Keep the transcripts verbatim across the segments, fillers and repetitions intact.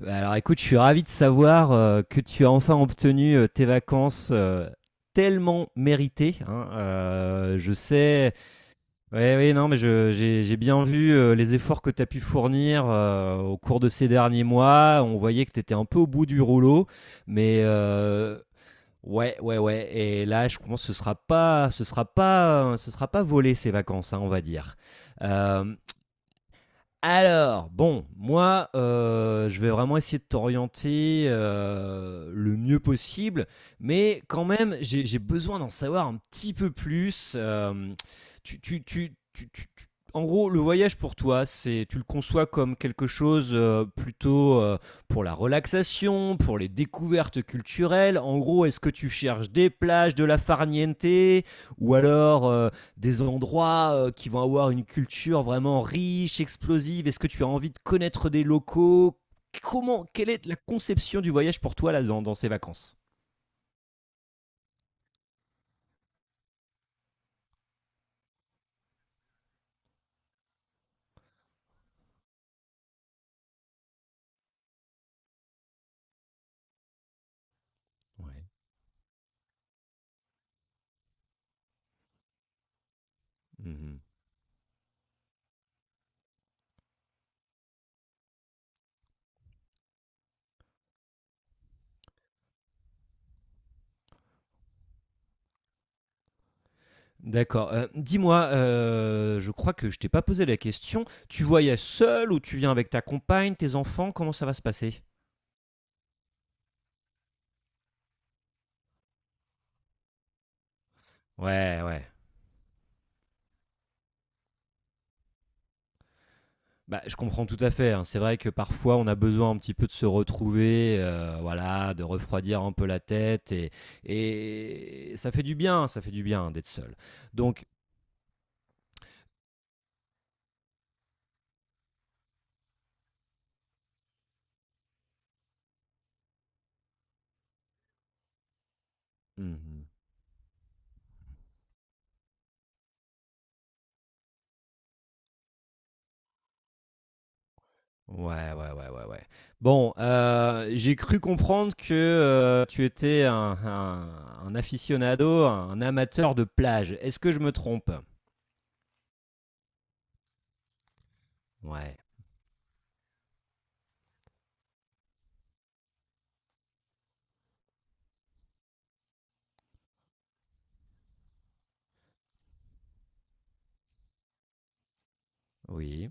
Bah, alors écoute, je suis ravi de savoir euh, que tu as enfin obtenu euh, tes vacances euh, tellement méritées, hein. Euh, je sais, oui, oui, non, mais je- j'ai j'ai bien vu euh, les efforts que tu as pu fournir euh, au cours de ces derniers mois. On voyait que tu étais un peu au bout du rouleau, mais euh, ouais, ouais, ouais. Et là, je pense que ce sera pas, ce sera pas, ce sera pas volé ces vacances, hein, on va dire. Euh, alors, bon, moi, euh, je vais vraiment essayer de t'orienter euh, le mieux possible, mais quand même, j'ai j'ai besoin d'en savoir un petit peu plus. euh, tu, tu- tu- tu- tu- tu- En gros, le voyage pour toi, c'est, tu le conçois comme quelque chose euh, plutôt euh, pour la relaxation, pour les découvertes culturelles. En gros, est-ce que tu cherches des plages, de la farniente, ou alors euh, des endroits euh, qui vont avoir une culture vraiment riche, explosive? Est-ce que tu as envie de connaître des locaux? Comment, quelle est la conception du voyage pour toi là dans, dans ces vacances? Ouais. Mhm. D'accord. Euh, Dis-moi, euh, je crois que je t'ai pas posé la question. Tu voyages seul ou tu viens avec ta compagne, tes enfants? Comment ça va se passer? Ouais, ouais. Bah, je comprends tout à fait, hein. C'est vrai que parfois on a besoin un petit peu de se retrouver, heu, voilà, de refroidir un peu la tête et et ça fait du bien, ça fait du bien d'être seul. Donc mmh mmh. Ouais, ouais, ouais, ouais, ouais. Bon, heu, j'ai cru comprendre que, heu, tu étais un un un aficionado, un amateur de plage. Est-ce que je me trompe? Ouais. Oui.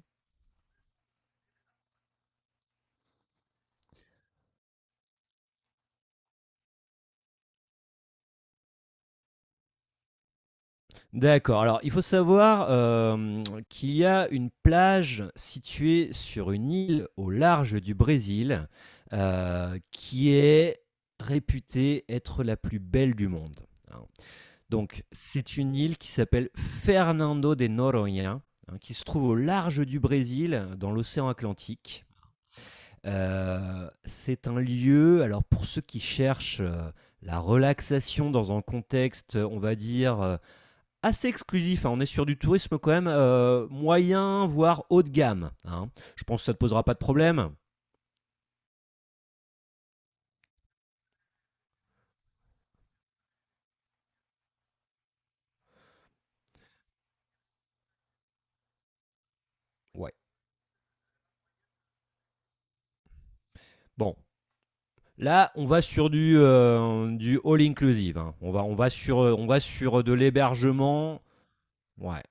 D'accord. Alors, il faut savoir, hem, qu'il y a une plage située sur une île au large du Brésil, heu, qui est réputée être la plus belle du monde, hein. Donc c'est une île qui s'appelle Fernando de Noronha, hein, qui se trouve au large du Brésil, dans l'océan Atlantique. Heu, c'est un lieu alors pour ceux qui cherchent, heu, la relaxation dans un contexte, on va dire, euh, assez exclusif, hein. On est sur du tourisme quand même euh, moyen, voire haut de gamme, hein. Je pense que ça ne te posera pas de problème. Ouais. Bon. Là, on va sur du, euh, du all inclusive, hein. On, va, on, va sur, on va sur de l'hébergement. Ouais.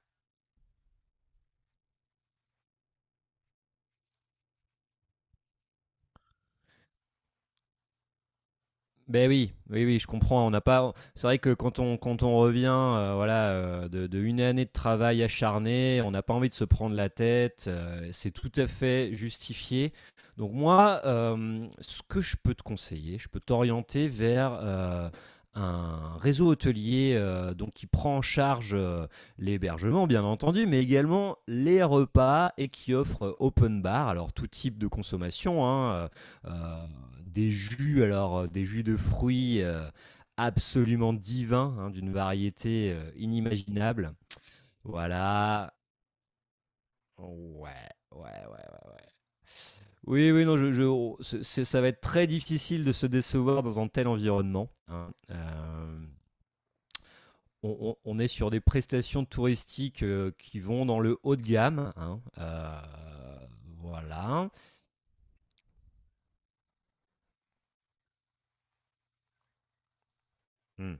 Ben oui, oui, oui, je comprends. On n'a pas. C'est vrai que quand on quand on revient, euh, voilà, euh, de, de une année de travail acharné, on n'a pas envie de se prendre la tête. Euh, c'est tout à fait justifié. Donc moi, euh, ce que je peux te conseiller, je peux t'orienter vers euh, un réseau hôtelier euh, donc qui prend en charge euh, l'hébergement, bien entendu, mais également les repas et qui offre euh, open bar, alors tout type de consommation, hein, euh, des jus, alors, heu, des jus de fruits, heu, absolument divins, hein, d'une variété, heu, inimaginable. Voilà. Ouais, ouais, ouais, ouais, ouais. Oui, oui, non, je je on c'est c'est ça va être très difficile de se décevoir dans un tel environnement, hein. Hem, on on on est sur des prestations touristiques, heu, qui vont dans le haut de gamme, hein, heu, voilà. Mmh.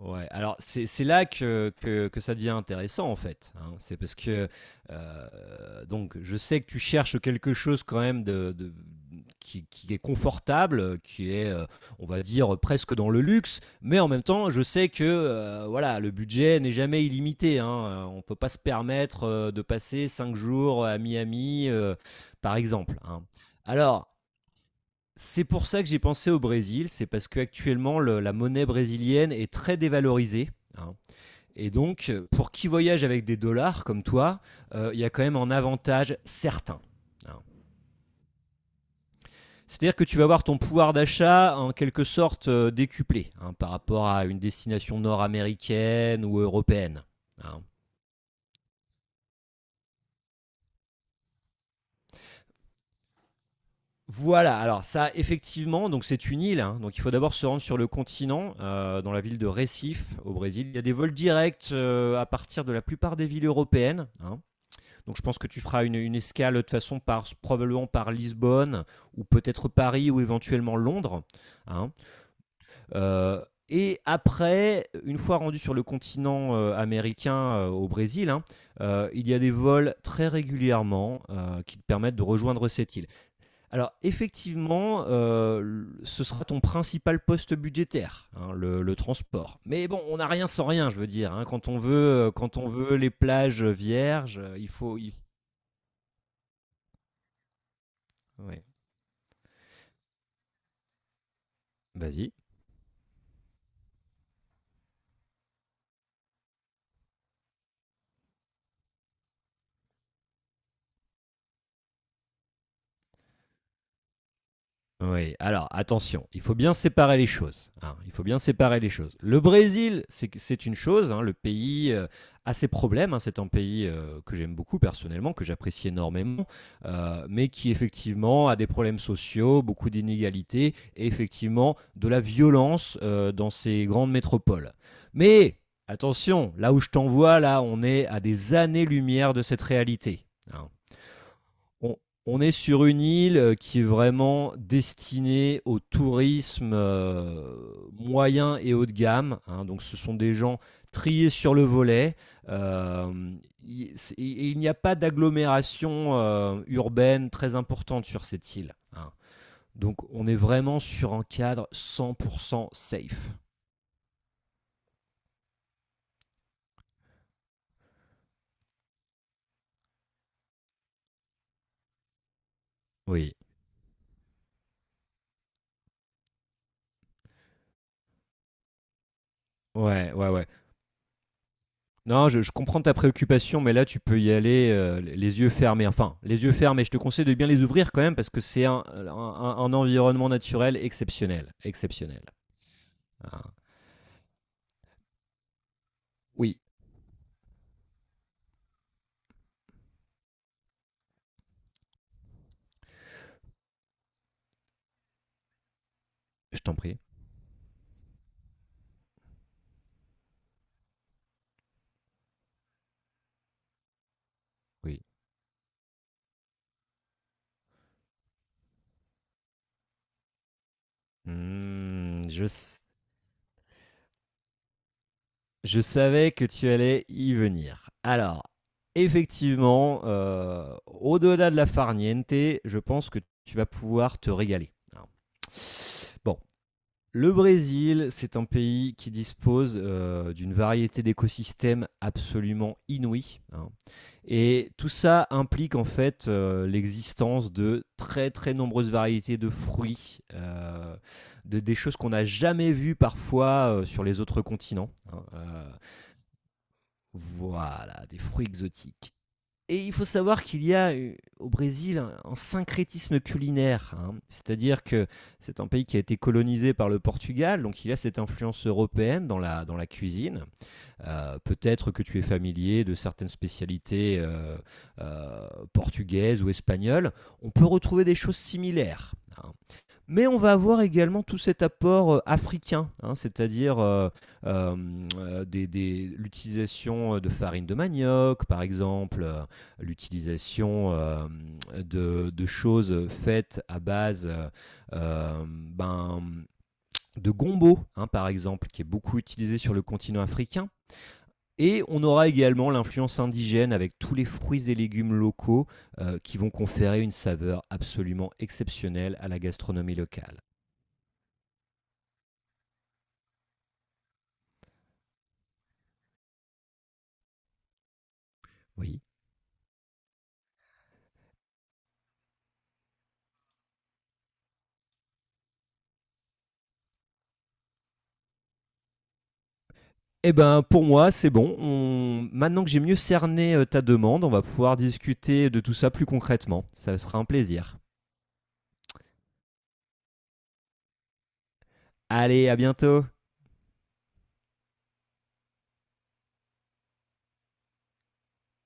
Ouais, alors c'est c'est là que que que ça devient intéressant, en fait, hein. C'est parce que, heu, donc je sais que tu cherches quelque chose quand même de de qui qui est confortable, qui est, heu, on va dire, presque dans le luxe, mais en même temps, je sais que, heu, voilà, le budget n'est jamais illimité, hein, heu, on peut pas se permettre, heu, de passer cinq jours, à Miami, heu, par exemple, hein. Alors c'est pour ça que j'ai pensé au Brésil, c'est parce qu'actuellement la monnaie brésilienne est très dévalorisée, hein. Et donc, euh, pour qui voyage avec des dollars comme toi, euh, il y a quand même un avantage certain, hein. C'est-à-dire que tu vas voir ton pouvoir d'achat en quelque sorte euh, décuplé, hein, par rapport à une destination nord-américaine ou européenne, hein. Voilà, alors ça, effectivement, donc c'est une île, hein, donc il faut d'abord se rendre sur le continent, euh, dans la ville de Recife, au Brésil. Il y a des vols directs euh, à partir de la plupart des villes européennes, hein. Donc je pense que tu feras une, une escale de toute façon par, probablement par Lisbonne, ou peut-être Paris, ou éventuellement Londres, hein. Euh, et après, une fois rendu sur le continent euh, américain, euh, au Brésil, hein, euh, il y a des vols très régulièrement euh, qui te permettent de rejoindre cette île. Alors effectivement, euh, ce sera ton principal poste budgétaire, hein, le, le transport. Mais bon, on n'a rien sans rien, je veux dire, hein. Quand on veut, euh, quand on veut les plages vierges, euh, il faut. il- Ouais. Vas-y. Oui, alors attention, il faut bien séparer les choses, hein, il faut bien séparer les choses. Le Brésil, c'est que- c'est une chose, hein, le pays euh, a ses problèmes, hein, c'est un pays euh, que j'aime beaucoup personnellement, que j'apprécie énormément, euh, mais qui effectivement a des problèmes sociaux, beaucoup d'inégalités et effectivement de la violence euh, dans ses grandes métropoles. Mais attention, là où je t'envoie, là, on est à des années-lumière de cette réalité, hein. On, on est sur une île euh, qui est vraiment destinée au tourisme euh, moyen et haut de gamme, hein. Donc, ce sont des gens triés sur le volet. Euh, il- c'est- et il n'y a pas d'agglomération euh, urbaine très importante sur cette île, hein. Donc, on est vraiment sur un cadre cent pour cent safe. Oui. Ouais, ouais, ouais. Non, je, je comprends ta préoccupation, mais là, tu peux y aller euh, les yeux fermés. Enfin, les yeux fermés, je te conseille de bien les ouvrir quand même parce que c'est un, un- un- un environnement naturel exceptionnel. Exceptionnel. Ah. Oui, je t'en prie. Oui. Hmm, je, s- je savais que tu allais y venir. Alors, effectivement, euh, au-delà de la farniente, je pense que tu vas pouvoir te régaler, hein. Bon, le Brésil, c'est un pays qui dispose euh, d'une variété d'écosystèmes absolument inouïe, hein. Et tout ça implique en fait euh, l'existence de très très nombreuses variétés de fruits, euh, de, des choses qu'on n'a jamais vues parfois euh, sur les autres continents, hein. Euh, voilà, des fruits exotiques. Et il faut savoir qu'il y a euh, au Brésil un, un syncrétisme culinaire, hein, c'est-à-dire que c'est un pays qui a été colonisé par le Portugal, donc il y a cette influence européenne dans la, dans la cuisine. Euh, Peut-être que tu es familier de certaines spécialités euh, euh, portugaises ou espagnoles. On peut retrouver des choses similaires, hein. Mais on va avoir également tout cet apport euh, africain, hein, c'est-à-dire euh, euh, euh, des- des- l'utilisation euh, de farine de manioc, par exemple, euh, l'utilisation euh, de, de choses faites à base euh, euh, ben, de gombo, hein, par exemple, qui est beaucoup utilisé sur le continent africain. Et on aura également l'influence indigène avec tous les fruits et légumes locaux euh, qui vont conférer une saveur absolument exceptionnelle à la gastronomie locale. Oui. Eh ben, pour moi, c'est bon. On- Maintenant que j'ai mieux cerné euh, ta demande, on va pouvoir discuter de tout ça plus concrètement. Ça sera un plaisir. Allez, à bientôt.